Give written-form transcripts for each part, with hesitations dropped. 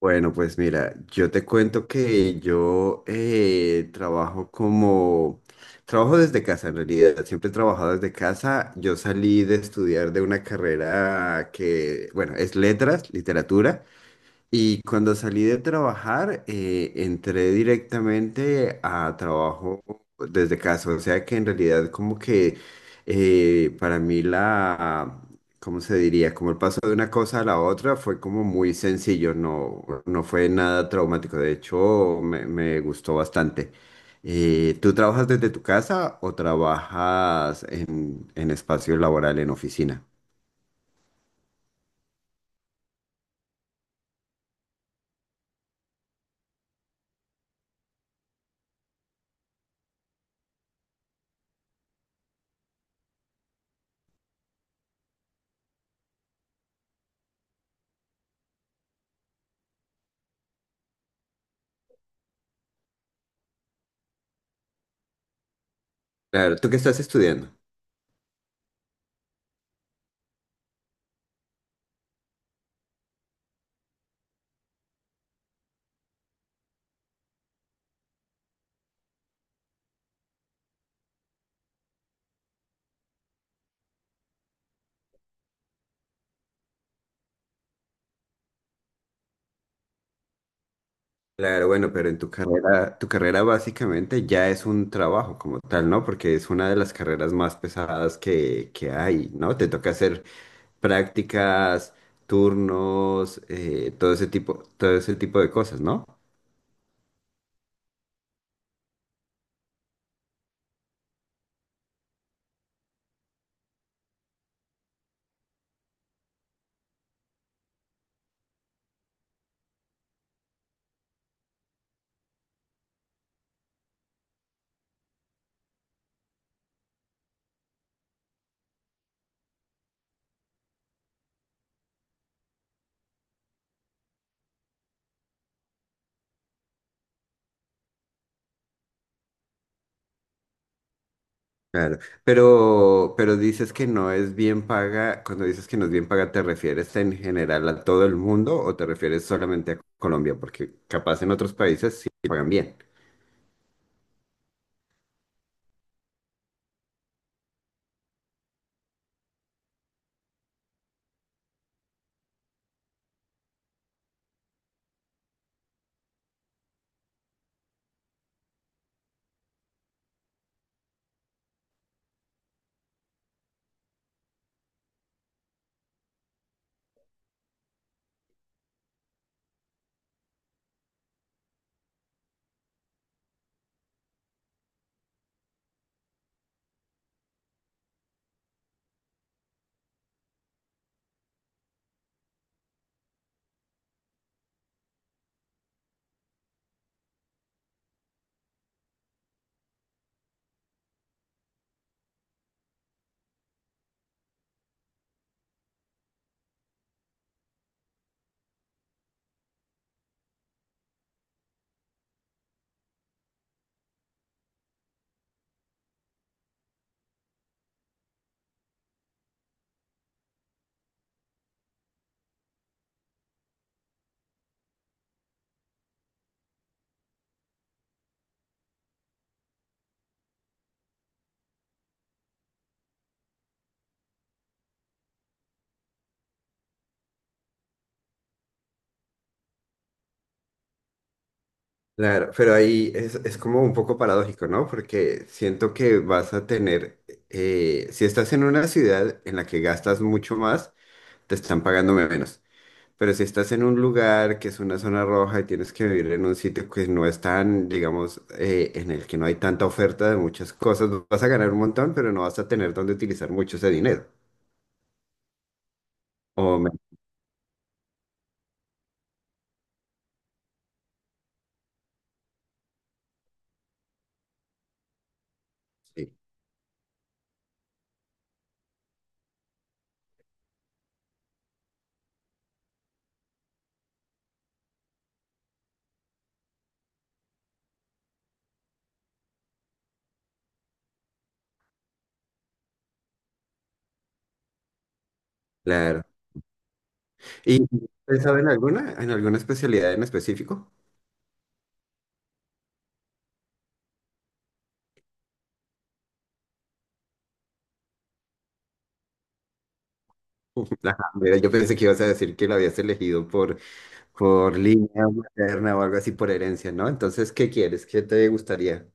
Bueno, pues mira, yo te cuento que trabajo desde casa en realidad, siempre he trabajado desde casa. Yo salí de estudiar de una carrera que, bueno, es letras, literatura. Y cuando salí de trabajar, entré directamente a trabajo desde casa. O sea que en realidad como que para mí la, ¿cómo se diría? Como el paso de una cosa a la otra fue como muy sencillo, no fue nada traumático. De hecho, me gustó bastante. ¿Tú trabajas desde tu casa o trabajas en espacio laboral, en oficina? Claro, ¿tú qué estás estudiando? Claro, bueno, pero en tu carrera básicamente ya es un trabajo como tal, ¿no? Porque es una de las carreras más pesadas que hay, ¿no? Te toca hacer prácticas, turnos, todo ese tipo de cosas, ¿no? Claro, pero dices que no es bien paga, cuando dices que no es bien paga, ¿te refieres en general a todo el mundo o te refieres solamente a Colombia? Porque capaz en otros países sí pagan bien. Claro, pero ahí es como un poco paradójico, ¿no? Porque siento que vas a tener, si estás en una ciudad en la que gastas mucho más, te están pagando menos. Pero si estás en un lugar que es una zona roja y tienes que vivir en un sitio que no es tan, digamos, en el que no hay tanta oferta de muchas cosas, vas a ganar un montón, pero no vas a tener dónde utilizar mucho ese dinero. O menos, sí, claro. ¿Y pensaba en alguna especialidad en específico? Ajá, mira, yo pensé que ibas a decir que lo habías elegido por línea materna o algo así por herencia, ¿no? Entonces, ¿qué quieres? ¿Qué te gustaría?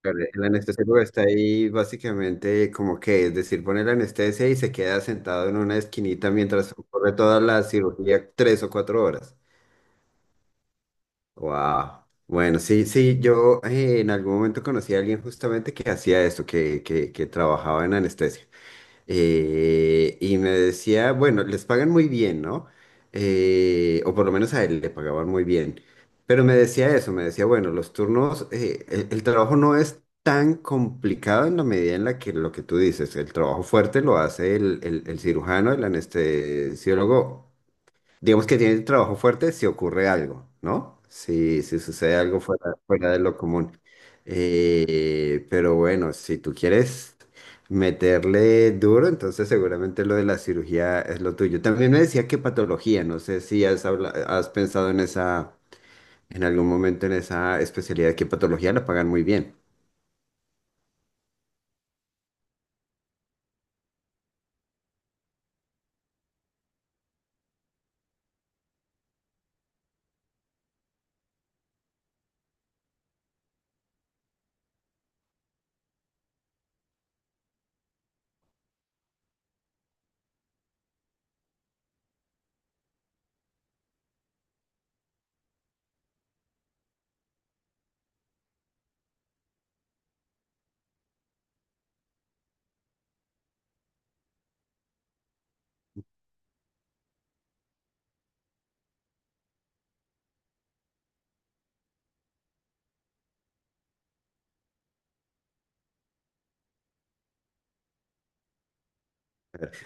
Claro, el anestesiólogo está ahí básicamente como que, es decir, pone la anestesia y se queda sentado en una esquinita mientras ocurre toda la cirugía tres o cuatro horas. Wow. Bueno, sí, sí, yo en algún momento conocí a alguien justamente que hacía esto, que trabajaba en anestesia. Y me decía, bueno, les pagan muy bien, ¿no? O por lo menos a él le pagaban muy bien. Pero me decía eso, me decía, bueno, los turnos, el trabajo no es tan complicado en la medida en la que lo que tú dices, el trabajo fuerte lo hace el cirujano, el anestesiólogo digamos que tiene trabajo fuerte si ocurre algo, ¿no? Si sucede algo fuera, fuera de lo común. Pero bueno, si tú quieres meterle duro, entonces seguramente lo de la cirugía es lo tuyo. También me decía que patología, no sé si has, habla- has pensado en esa, en algún momento en esa especialidad, que patología la pagan muy bien.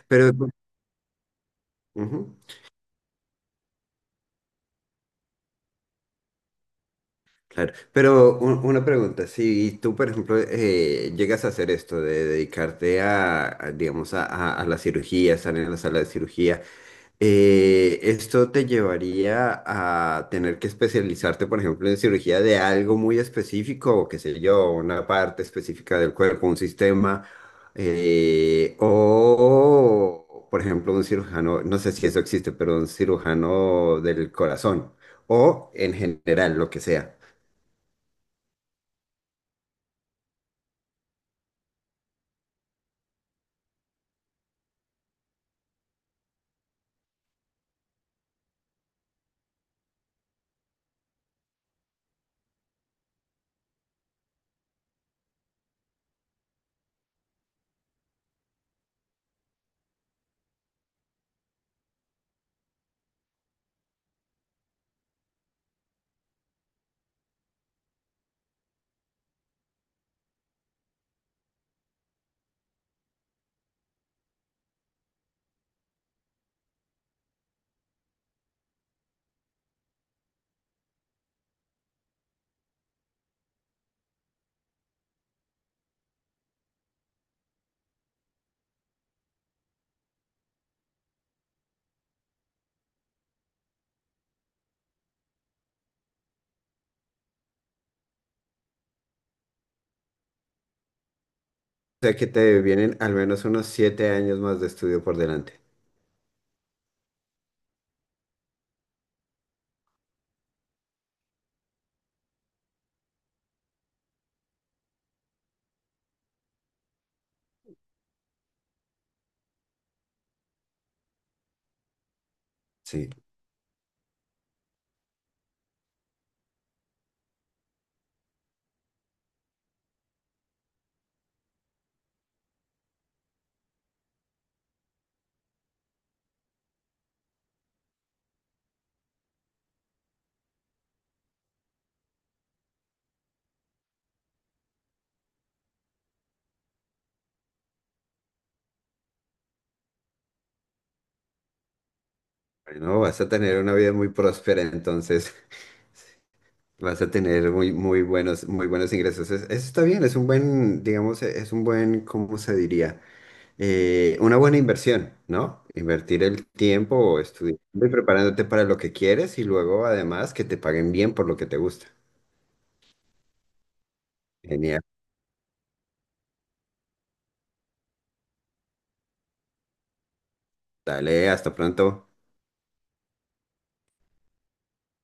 Pero, ujú. Claro, pero una pregunta, si tú, por ejemplo, llegas a hacer esto de dedicarte digamos, a la cirugía, estar en la sala de cirugía, ¿esto te llevaría a tener que especializarte, por ejemplo, en cirugía de algo muy específico, o qué sé yo, una parte específica del cuerpo, un sistema, o, por ejemplo, un cirujano, no sé si eso existe, pero un cirujano del corazón, o en general, lo que sea? Sea que te vienen al menos unos 7 años más de estudio por delante. Sí. Bueno, vas a tener una vida muy próspera, entonces vas a tener muy buenos ingresos. Es- eso está bien, es un buen, digamos, e- es un buen, ¿cómo se diría? Una buena inversión, ¿no? Invertir el tiempo estudiando y preparándote para lo que quieres y luego además que te paguen bien por lo que te gusta. Genial. Dale, hasta pronto.